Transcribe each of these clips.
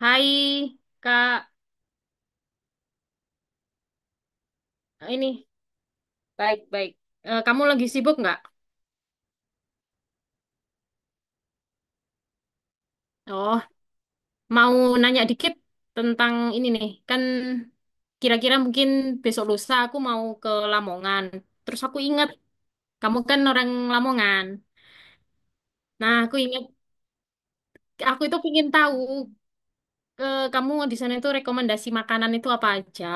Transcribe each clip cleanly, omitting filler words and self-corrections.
Hai, Kak. Ini baik-baik. Eh, kamu lagi sibuk nggak? Oh, mau nanya dikit tentang ini nih. Kan kira-kira mungkin besok lusa aku mau ke Lamongan. Terus aku ingat kamu kan orang Lamongan. Nah, aku ingat aku itu ingin tahu ke kamu di sana itu rekomendasi makanan itu apa aja.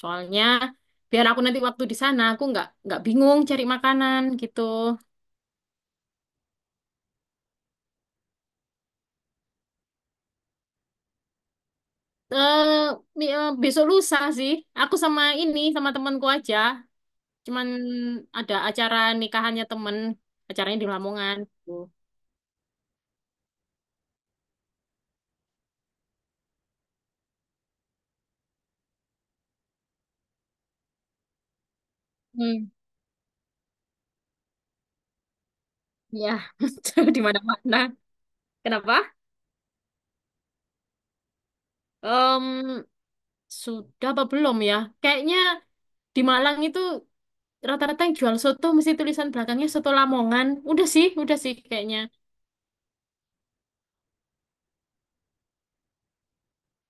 Soalnya biar aku nanti waktu di sana aku nggak bingung cari makanan gitu. Eh, mi- eh, besok lusa sih. Aku sama ini sama temanku aja. Cuman ada acara nikahannya temen. Acaranya di Lamongan. Tuh. Hmm. Ya, di mana-mana. Kenapa? Em, sudah apa belum ya? Kayaknya di Malang itu rata-rata yang jual soto mesti tulisan belakangnya soto Lamongan. Udah sih kayaknya.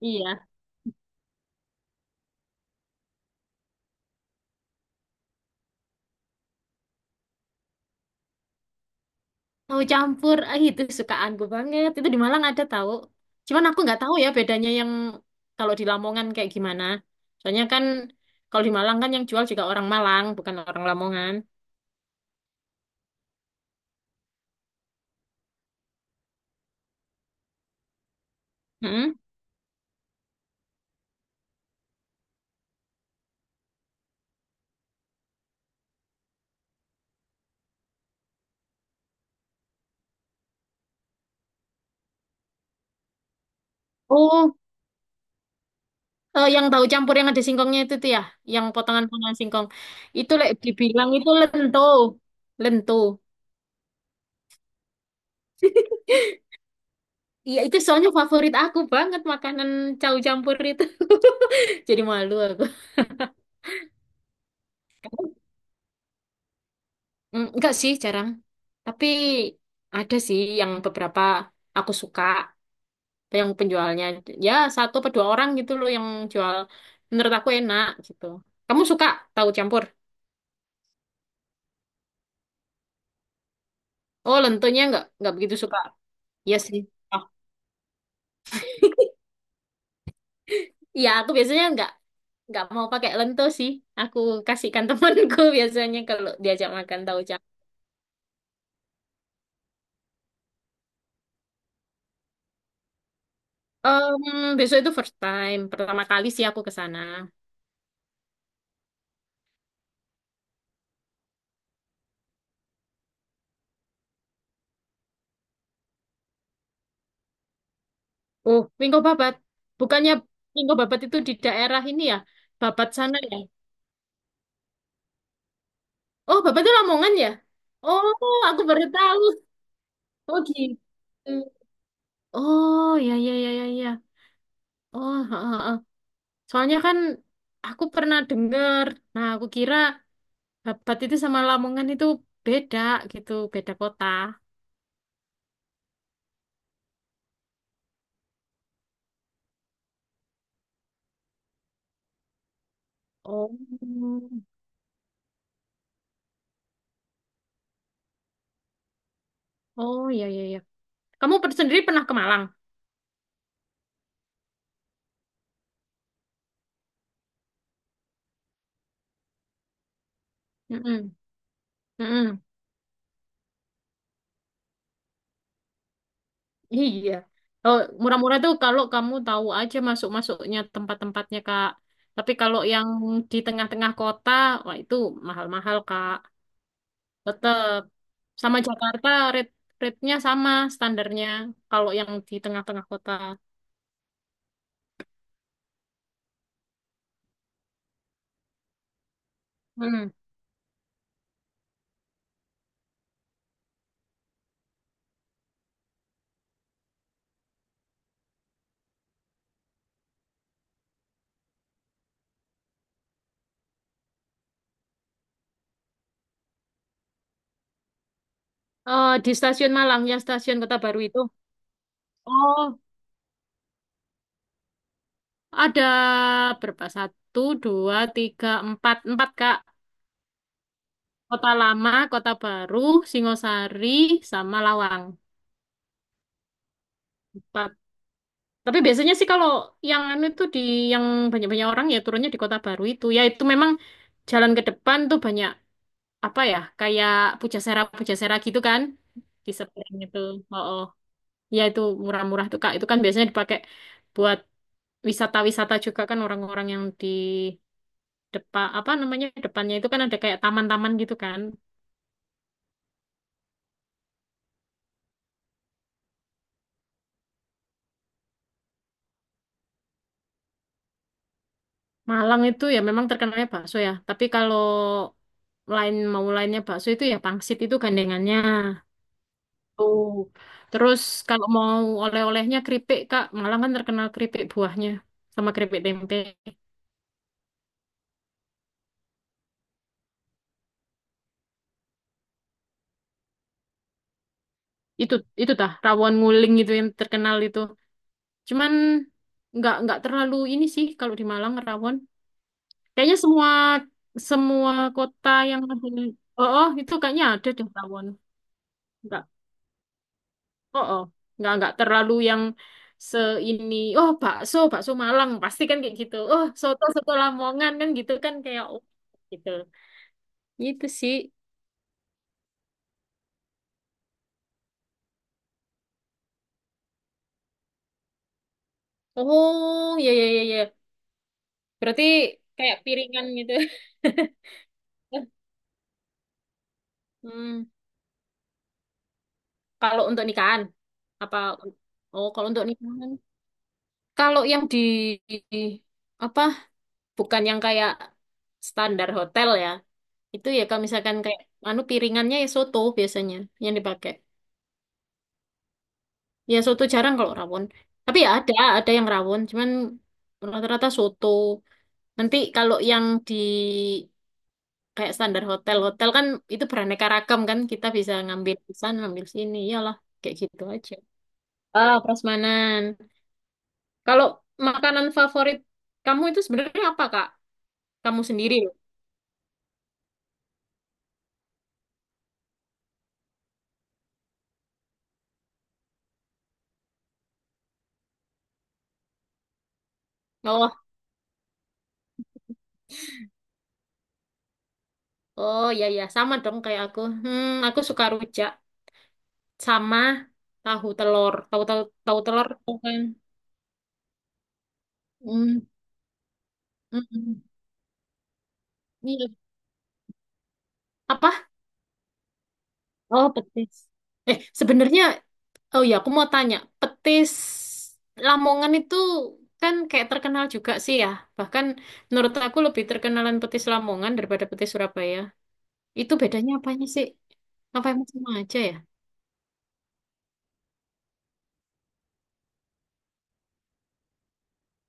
Iya. Tahu campur, ah itu sukaanku banget. Itu di Malang ada tahu. Cuman aku nggak tahu ya bedanya yang kalau di Lamongan kayak gimana. Soalnya kan kalau di Malang kan yang jual juga orang Malang, bukan orang Lamongan. Mm-mm. Oh, yang tahu campur yang ada singkongnya itu tuh ya, yang potongan-potongan singkong. Itu lek dibilang itu lento, lento. Iya itu soalnya favorit aku banget makanan tahu campur itu. Jadi malu aku. Mm, enggak sih, jarang. Tapi ada sih yang beberapa aku suka, yang penjualnya. Ya, satu atau dua orang gitu loh yang jual. Menurut aku enak gitu. Kamu suka tahu campur? Oh, lentonya enggak begitu suka. Iya sih. Oh, iya, aku biasanya enggak mau pakai lento sih. Aku kasihkan temanku biasanya kalau diajak makan tahu campur. Besok itu first time, pertama kali sih aku ke sana. Oh, Wingko Babat. Bukannya Wingko Babat itu di daerah ini ya? Babat sana ya? Oh, Babat itu Lamongan ya? Oh, aku baru tahu. Oh gitu. Oh, ya ya ya ya ya. Oh, ha, ha, ha. Soalnya kan aku pernah dengar. Nah, aku kira Babat itu sama Lamongan itu beda gitu, beda kota. Oh. Oh, ya ya ya. Kamu sendiri pernah ke Malang? Mm-mm. Mm-mm. Iya. Oh, murah-murah tuh kalau kamu tahu aja masuk-masuknya tempat-tempatnya, Kak. Tapi kalau yang di tengah-tengah kota, wah itu mahal-mahal, Kak. Tetap sama Jakarta rate rate-nya sama standarnya kalau yang di tengah-tengah kota. Hmm. Eh, di stasiun Malang ya, stasiun Kota Baru itu. Oh, ada berapa? Satu, dua, tiga, empat. Empat, Kak. Kota Lama, Kota Baru, Singosari, sama Lawang. Tapi biasanya sih kalau yang anu itu di yang banyak-banyak orang ya turunnya di Kota Baru itu. Ya itu memang jalan ke depan tuh banyak apa ya kayak pujasera-pujasera gitu kan di seberang itu. Oh, oh. Ya itu murah-murah tuh Kak. Itu kan biasanya dipakai buat wisata-wisata juga kan orang-orang yang di depan apa namanya depannya itu kan ada kayak taman-taman gitu kan. Malang itu ya memang terkenalnya bakso ya. Tapi kalau lain mau lainnya bakso itu ya pangsit itu gandengannya. Tuh. Terus kalau mau oleh-olehnya keripik, Kak, Malang kan terkenal keripik buahnya sama keripik tempe. Itu itu tah rawon nguling itu yang terkenal itu. Cuman nggak terlalu ini sih kalau di Malang rawon. Kayaknya semua semua kota yang ada, oh, oh itu kayaknya ada deh rawon. Nggak, oh, oh, nggak terlalu yang se ini, oh bakso bakso Malang pasti kan kayak gitu. Oh soto soto Lamongan kan gitu kan kayak oh, gitu. Itu sih. Oh, ya ya ya ya. Berarti kayak piringan gitu. Hmm, kalau untuk nikahan apa. Oh, kalau untuk nikahan. Kalau yang di- apa? Bukan yang kayak standar hotel ya. Itu ya kalau misalkan kayak anu piringannya ya soto biasanya yang dipakai. Ya soto jarang kalau rawon. Tapi ya ada yang rawon, cuman rata-rata soto. Nanti kalau yang di kayak standar hotel. Hotel kan itu beraneka ragam kan, kita bisa ngambil di sana, ngambil sini. Iyalah, kayak gitu aja. Ah, prasmanan. Kalau makanan favorit kamu itu sebenarnya apa, Kak? Kamu sendiri loh. Oh, oh ya ya, sama dong kayak aku. Hmm, aku suka rujak sama tahu telur. Tahu tahu tahu telur tuh kan. Hmm, mm, mm. Iya. Apa? Oh, petis. Eh, sebenarnya. Oh ya, aku mau tanya, petis Lamongan itu kan kayak terkenal juga sih ya. Bahkan menurut aku lebih terkenalan petis Lamongan daripada petis Surabaya. Itu bedanya apanya sih? Apa emang sama aja ya?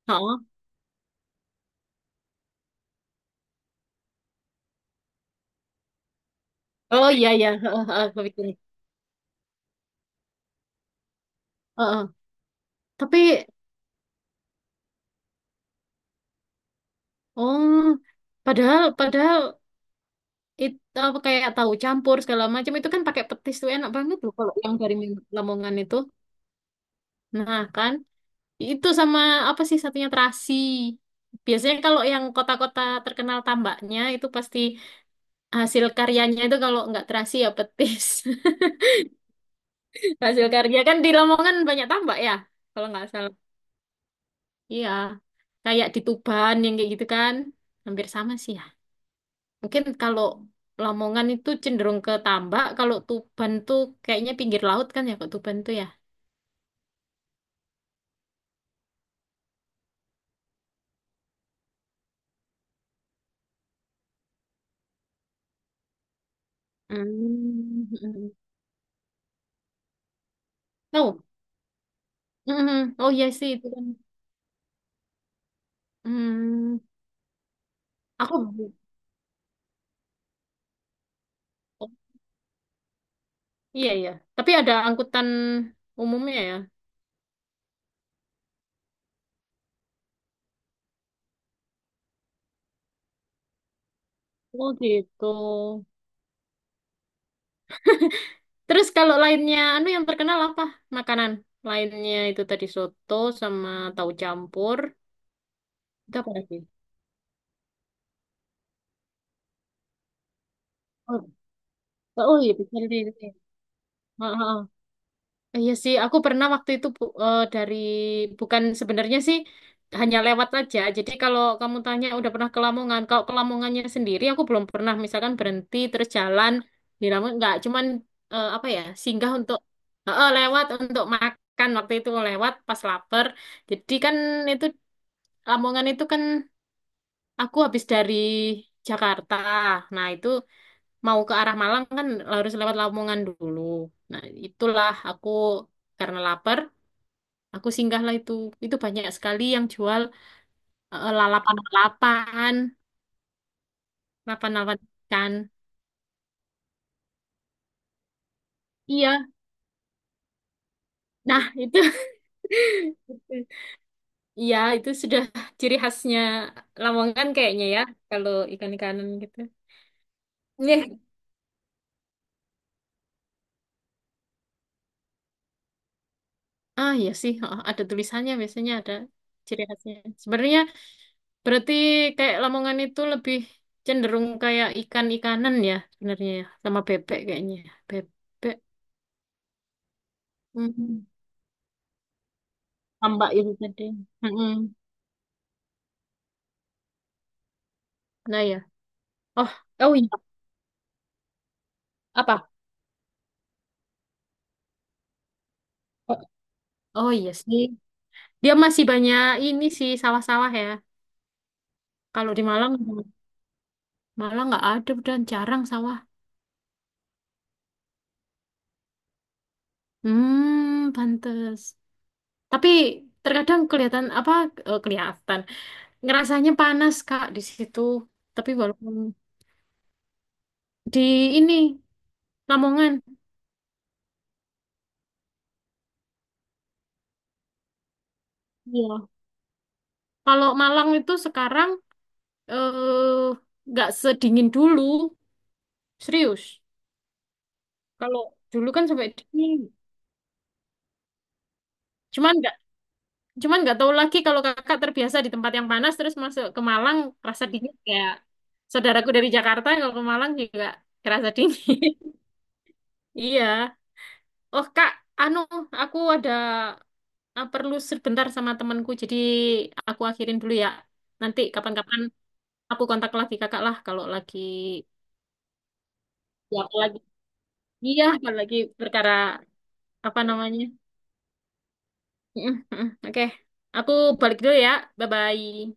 Oh, oh iya iya, heeh, heeh, kepikiran. Heeh. Tapi oh, padahal padahal itu apa kayak tahu campur segala macam itu kan pakai petis tuh enak banget loh kalau yang dari Lamongan itu. Nah, kan? Itu sama apa sih satunya terasi. Biasanya kalau yang kota-kota terkenal tambaknya itu pasti hasil karyanya itu kalau nggak terasi ya petis. Hasil karya kan di Lamongan banyak tambak ya, kalau nggak salah. Iya, kayak di Tuban yang kayak gitu kan, hampir sama sih ya. Mungkin kalau Lamongan itu cenderung ke tambak, kalau Tuban tuh kayaknya pinggir laut kan ya, kok Tuban tuh ya. Hmm. Oh, mm, oh iya sih itu kan. Hmm, aku. Iya, iya. Tapi ada angkutan umumnya ya. Oh gitu. Terus kalau lainnya, anu yang terkenal apa? Makanan. Lainnya itu tadi soto sama tahu campur. Itu apa lagi? Oh, oh iya, bisa di sini. Iya sih, aku pernah waktu itu dari bukan sebenarnya sih hanya lewat aja. Jadi kalau kamu tanya udah pernah ke Lamongan, kalau ke Lamongannya sendiri aku belum pernah misalkan berhenti terus jalan di Lamongan nggak cuman apa ya, singgah untuk lewat untuk makan waktu itu lewat pas lapar. Jadi kan itu Lamongan itu kan aku habis dari Jakarta. Nah, itu mau ke arah Malang kan harus lewat Lamongan dulu. Nah, itulah aku karena lapar. Aku singgahlah itu. Itu banyak sekali yang jual lalapan-lalapan, lalapan-lalapan ikan. Iya, nah itu. Iya, itu sudah ciri khasnya Lamongan kayaknya ya, kalau ikan-ikanan gitu. Iya. Ah, iya sih, oh, ada tulisannya biasanya ada ciri khasnya. Sebenarnya berarti kayak Lamongan itu lebih cenderung kayak ikan-ikanan ya sebenarnya ya, sama bebek kayaknya. Bebek, mm, tambak itu tadi. Mm-mm. Nah, ya. Oh, oh iya. Apa? Oh, oh iya sih. Dia masih banyak ini sih sawah-sawah ya. Kalau di Malang, Malang nggak ada dan jarang sawah. Hmm, pantes. Tapi terkadang kelihatan apa kelihatan ngerasanya panas Kak di situ. Tapi walaupun di ini Lamongan, iya. Kalau Malang itu sekarang eh nggak sedingin dulu, serius. Kalau dulu kan sampai dingin. Cuman Cuman nggak tahu lagi kalau kakak terbiasa di tempat yang panas terus masuk ke Malang rasa dingin kayak saudaraku dari Jakarta yang kalau ke Malang juga kerasa dingin. Iya. Oh kak, anu aku ada perlu sebentar sama temanku jadi aku akhirin dulu ya. Nanti kapan-kapan aku kontak lagi kakak lah kalau lagi ya kalau lagi iya kalau lagi perkara apa namanya. Oke, aku balik dulu ya. Bye-bye.